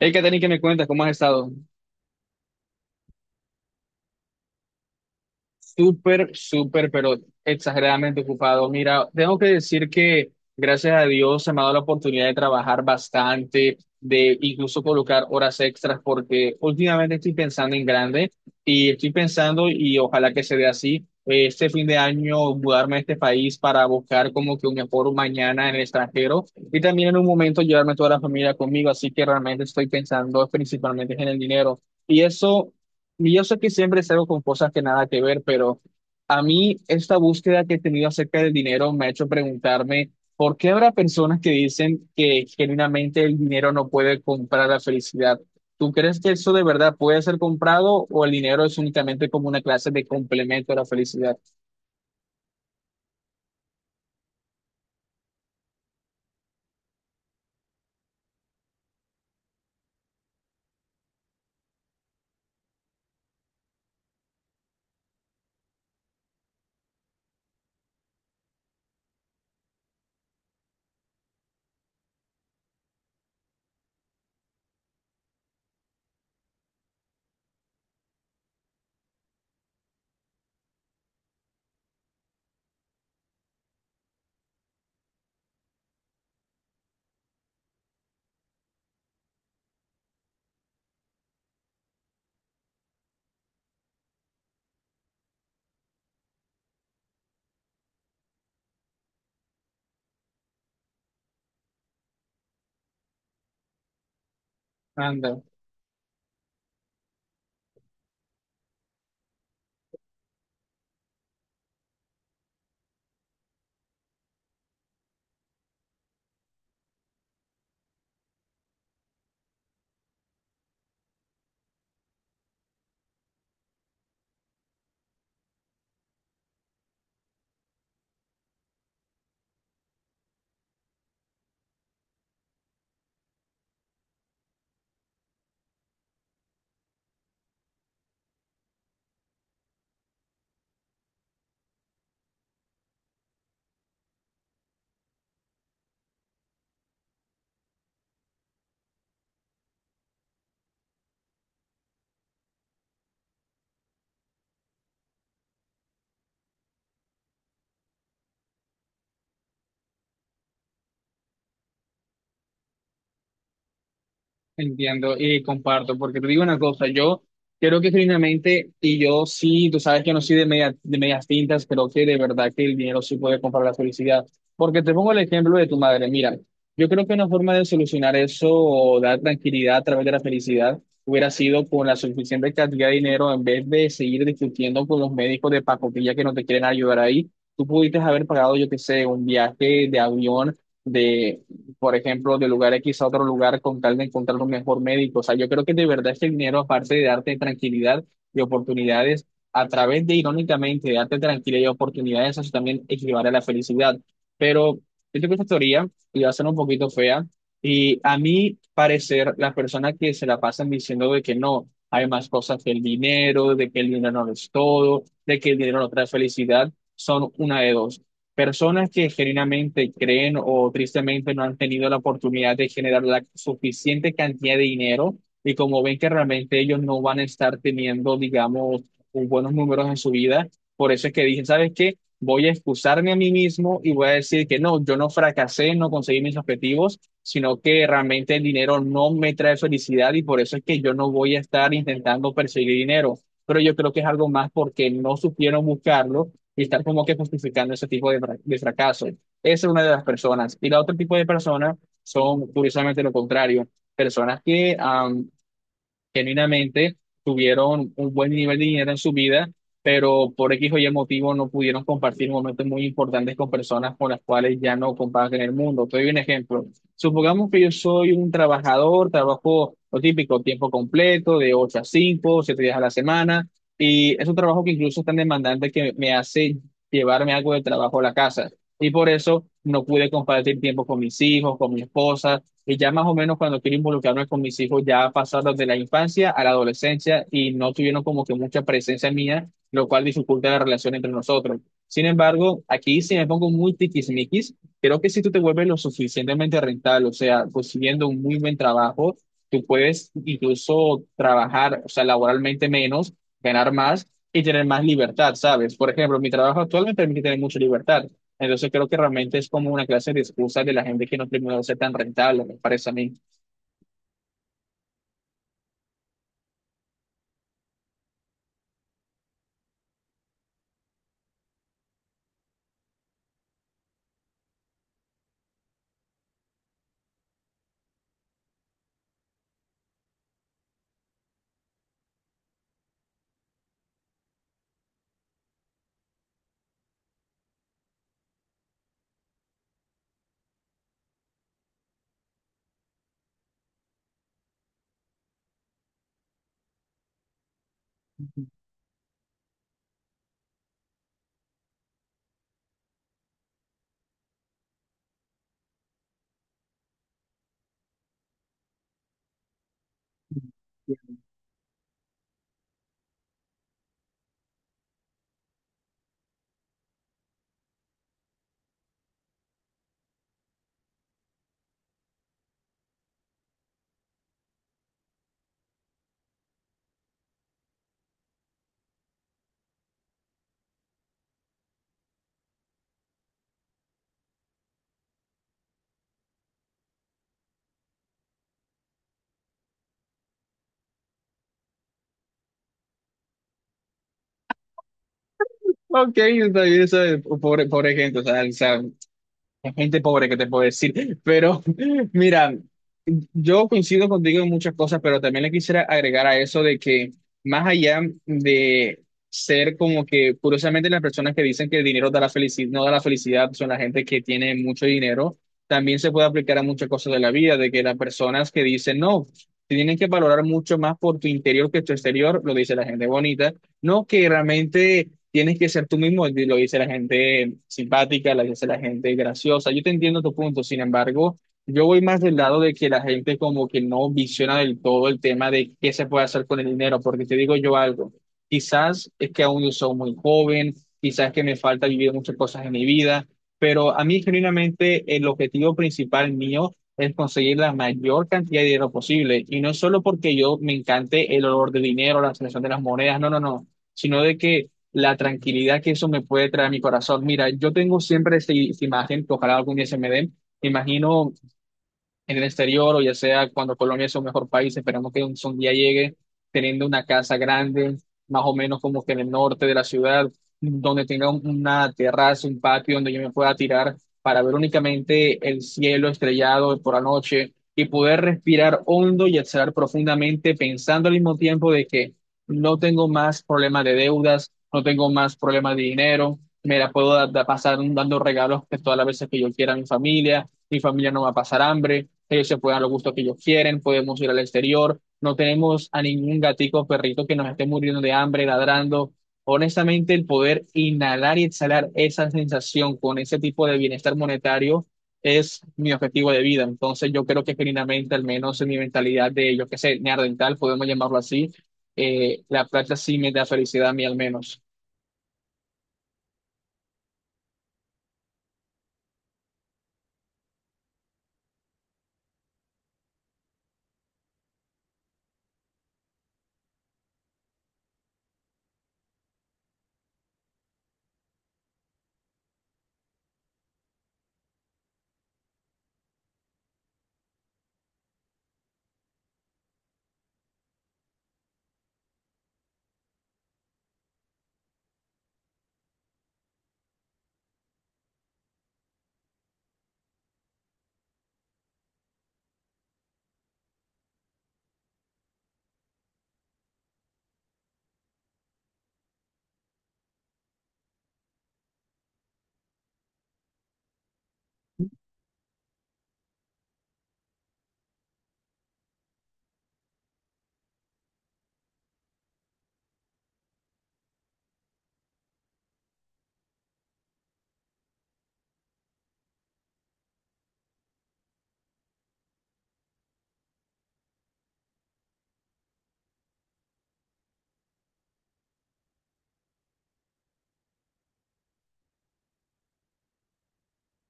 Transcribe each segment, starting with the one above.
Hey, Katherine, ¿que me cuentas? ¿Cómo has estado? Súper, pero exageradamente ocupado. Mira, tengo que decir que gracias a Dios se me ha dado la oportunidad de trabajar bastante, de incluso colocar horas extras, porque últimamente estoy pensando en grande y estoy pensando, y ojalá que se dé así, este fin de año mudarme a este país para buscar como que un mejor mañana en el extranjero y también en un momento llevarme toda la familia conmigo. Así que realmente estoy pensando principalmente en el dinero. Y eso. Yo sé que siempre salgo con cosas que nada que ver, pero a mí esta búsqueda que he tenido acerca del dinero me ha hecho preguntarme por qué habrá personas que dicen que genuinamente el dinero no puede comprar la felicidad. ¿Tú crees que eso de verdad puede ser comprado o el dinero es únicamente como una clase de complemento a la felicidad? Anda. Entiendo y comparto, porque te digo una cosa, yo creo que genuinamente, y yo sí, tú sabes que no soy de medias tintas, creo que de verdad que el dinero sí puede comprar la felicidad. Porque te pongo el ejemplo de tu madre, mira, yo creo que una forma de solucionar eso o dar tranquilidad a través de la felicidad hubiera sido con la suficiente cantidad de dinero en vez de seguir discutiendo con los médicos de pacotilla que no te quieren ayudar ahí. Tú pudiste haber pagado, yo qué sé, un viaje de avión. De Por ejemplo, de lugar X a otro lugar con tal de encontrar un mejor médico. O sea, yo creo que de verdad este dinero, aparte de darte tranquilidad y oportunidades, a través de, irónicamente, darte tranquilidad y oportunidades, eso también equivale a la felicidad. Pero yo tengo esta teoría y va a ser un poquito fea. Y a mi parecer, las personas que se la pasan diciendo de que no, hay más cosas que el dinero, de que el dinero no lo es todo, de que el dinero no trae felicidad, son una de dos. Personas que genuinamente creen o tristemente no han tenido la oportunidad de generar la suficiente cantidad de dinero y como ven que realmente ellos no van a estar teniendo, digamos, buenos números en su vida, por eso es que dije, ¿sabes qué? Voy a excusarme a mí mismo y voy a decir que no, yo no fracasé, no conseguí mis objetivos, sino que realmente el dinero no me trae felicidad y por eso es que yo no voy a estar intentando perseguir dinero. Pero yo creo que es algo más porque no supieron buscarlo y estar como que justificando ese tipo de fracaso. Esa es una de las personas. Y la otro tipo de personas son, curiosamente, lo contrario, personas que genuinamente tuvieron un buen nivel de dinero en su vida, pero por X o Y motivo no pudieron compartir momentos muy importantes con personas con las cuales ya no comparten el mundo. Te doy un ejemplo. Supongamos que yo soy un trabajador, trabajo lo típico, tiempo completo, de 8 a 5, 7 días a la semana, y es un trabajo que incluso es tan demandante que me hace llevarme algo de trabajo a la casa. Y por eso no pude compartir tiempo con mis hijos, con mi esposa, y ya más o menos cuando quiero involucrarme con mis hijos, ya pasados de la infancia a la adolescencia y no tuvieron como que mucha presencia mía, lo cual dificulta la relación entre nosotros. Sin embargo, aquí si me pongo muy tiquismiquis, creo que si tú te vuelves lo suficientemente rentable, o sea, consiguiendo un muy buen trabajo, tú puedes incluso trabajar, o sea, laboralmente menos, ganar más y tener más libertad, ¿sabes? Por ejemplo, mi trabajo actual me permite tener mucha libertad. Entonces creo que realmente es como una clase de excusa de la gente que no terminó de ser tan rentable, me parece a mí. Ok, está bien, ¿sabes? Por ejemplo, o sea, es gente pobre que te puedo decir, pero mira, yo coincido contigo en muchas cosas, pero también le quisiera agregar a eso de que más allá de ser como que, curiosamente, las personas que dicen que el dinero da la felicidad, no da la felicidad, son la gente que tiene mucho dinero, también se puede aplicar a muchas cosas de la vida, de que las personas que dicen no, tienen que valorar mucho más por tu interior que tu exterior, lo dice la gente bonita no, que realmente tienes que ser tú mismo, y lo dice la gente simpática, lo dice la gente graciosa. Yo te entiendo tu punto, sin embargo, yo voy más del lado de que la gente como que no visiona del todo el tema de qué se puede hacer con el dinero, porque te digo yo algo, quizás es que aún yo soy muy joven, quizás que me falta vivir muchas cosas en mi vida, pero a mí genuinamente el objetivo principal mío es conseguir la mayor cantidad de dinero posible, y no solo porque yo me encante el olor del dinero, la sensación de las monedas, no, no, no, sino de que la tranquilidad que eso me puede traer a mi corazón. Mira, yo tengo siempre esta imagen, que ojalá algún día se me dé. Me imagino en el exterior o ya sea cuando Colombia es un mejor país, esperamos que un día llegue teniendo una casa grande, más o menos como que en el norte de la ciudad, donde tenga una terraza, un patio donde yo me pueda tirar para ver únicamente el cielo estrellado por la noche y poder respirar hondo y exhalar profundamente pensando al mismo tiempo de que no tengo más problemas de deudas, no tengo más problemas de dinero. Me la puedo pasar dando regalos que todas las veces que yo quiera a mi familia no va a pasar hambre, ellos se pueden dar los gustos que ellos quieren, podemos ir al exterior, no tenemos a ningún gatico o perrito que nos esté muriendo de hambre, ladrando. Honestamente, el poder inhalar y exhalar esa sensación con ese tipo de bienestar monetario es mi objetivo de vida. Entonces, yo creo que genuinamente, al menos en mi mentalidad de, yo qué sé, neandertal, podemos llamarlo así, la plata sí me da felicidad a mí al menos.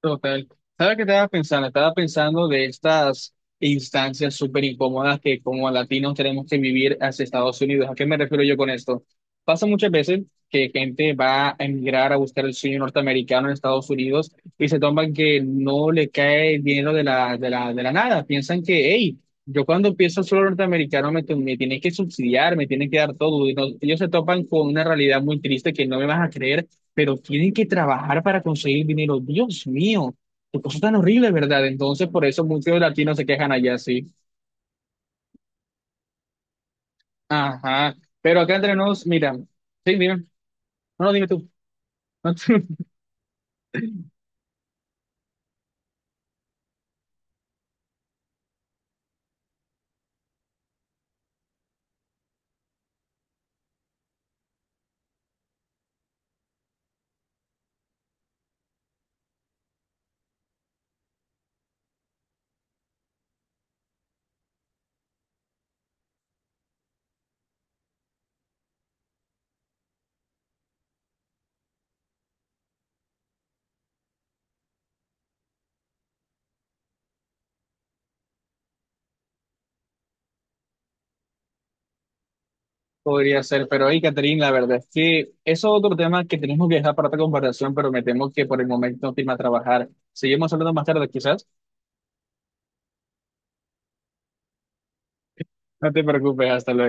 Total. ¿Sabes qué estaba pensando? Estaba pensando de estas instancias súper incómodas que como latinos tenemos que vivir hacia Estados Unidos. ¿A qué me refiero yo con esto? Pasa muchas veces que gente va a emigrar a buscar el sueño norteamericano en Estados Unidos y se toman que no le cae el dinero de de la nada. Piensan que, hey, yo cuando empiezo el solo norteamericano me tienen que subsidiar, me tienen que dar todo. Y ellos se topan con una realidad muy triste que no me vas a creer pero tienen que trabajar para conseguir dinero. Dios mío, qué cosa tan horrible, ¿verdad? Entonces, por eso muchos latinos se quejan allá, sí. Ajá, pero acá entre nos, mira, sí, dime, no, no, dime tú. No, podría ser, pero hey, Catherine, la verdad es que eso es otro tema que tenemos que dejar para otra conversación, pero me temo que por el momento no te irme a trabajar. Seguimos hablando más tarde, quizás. No te preocupes, hasta luego.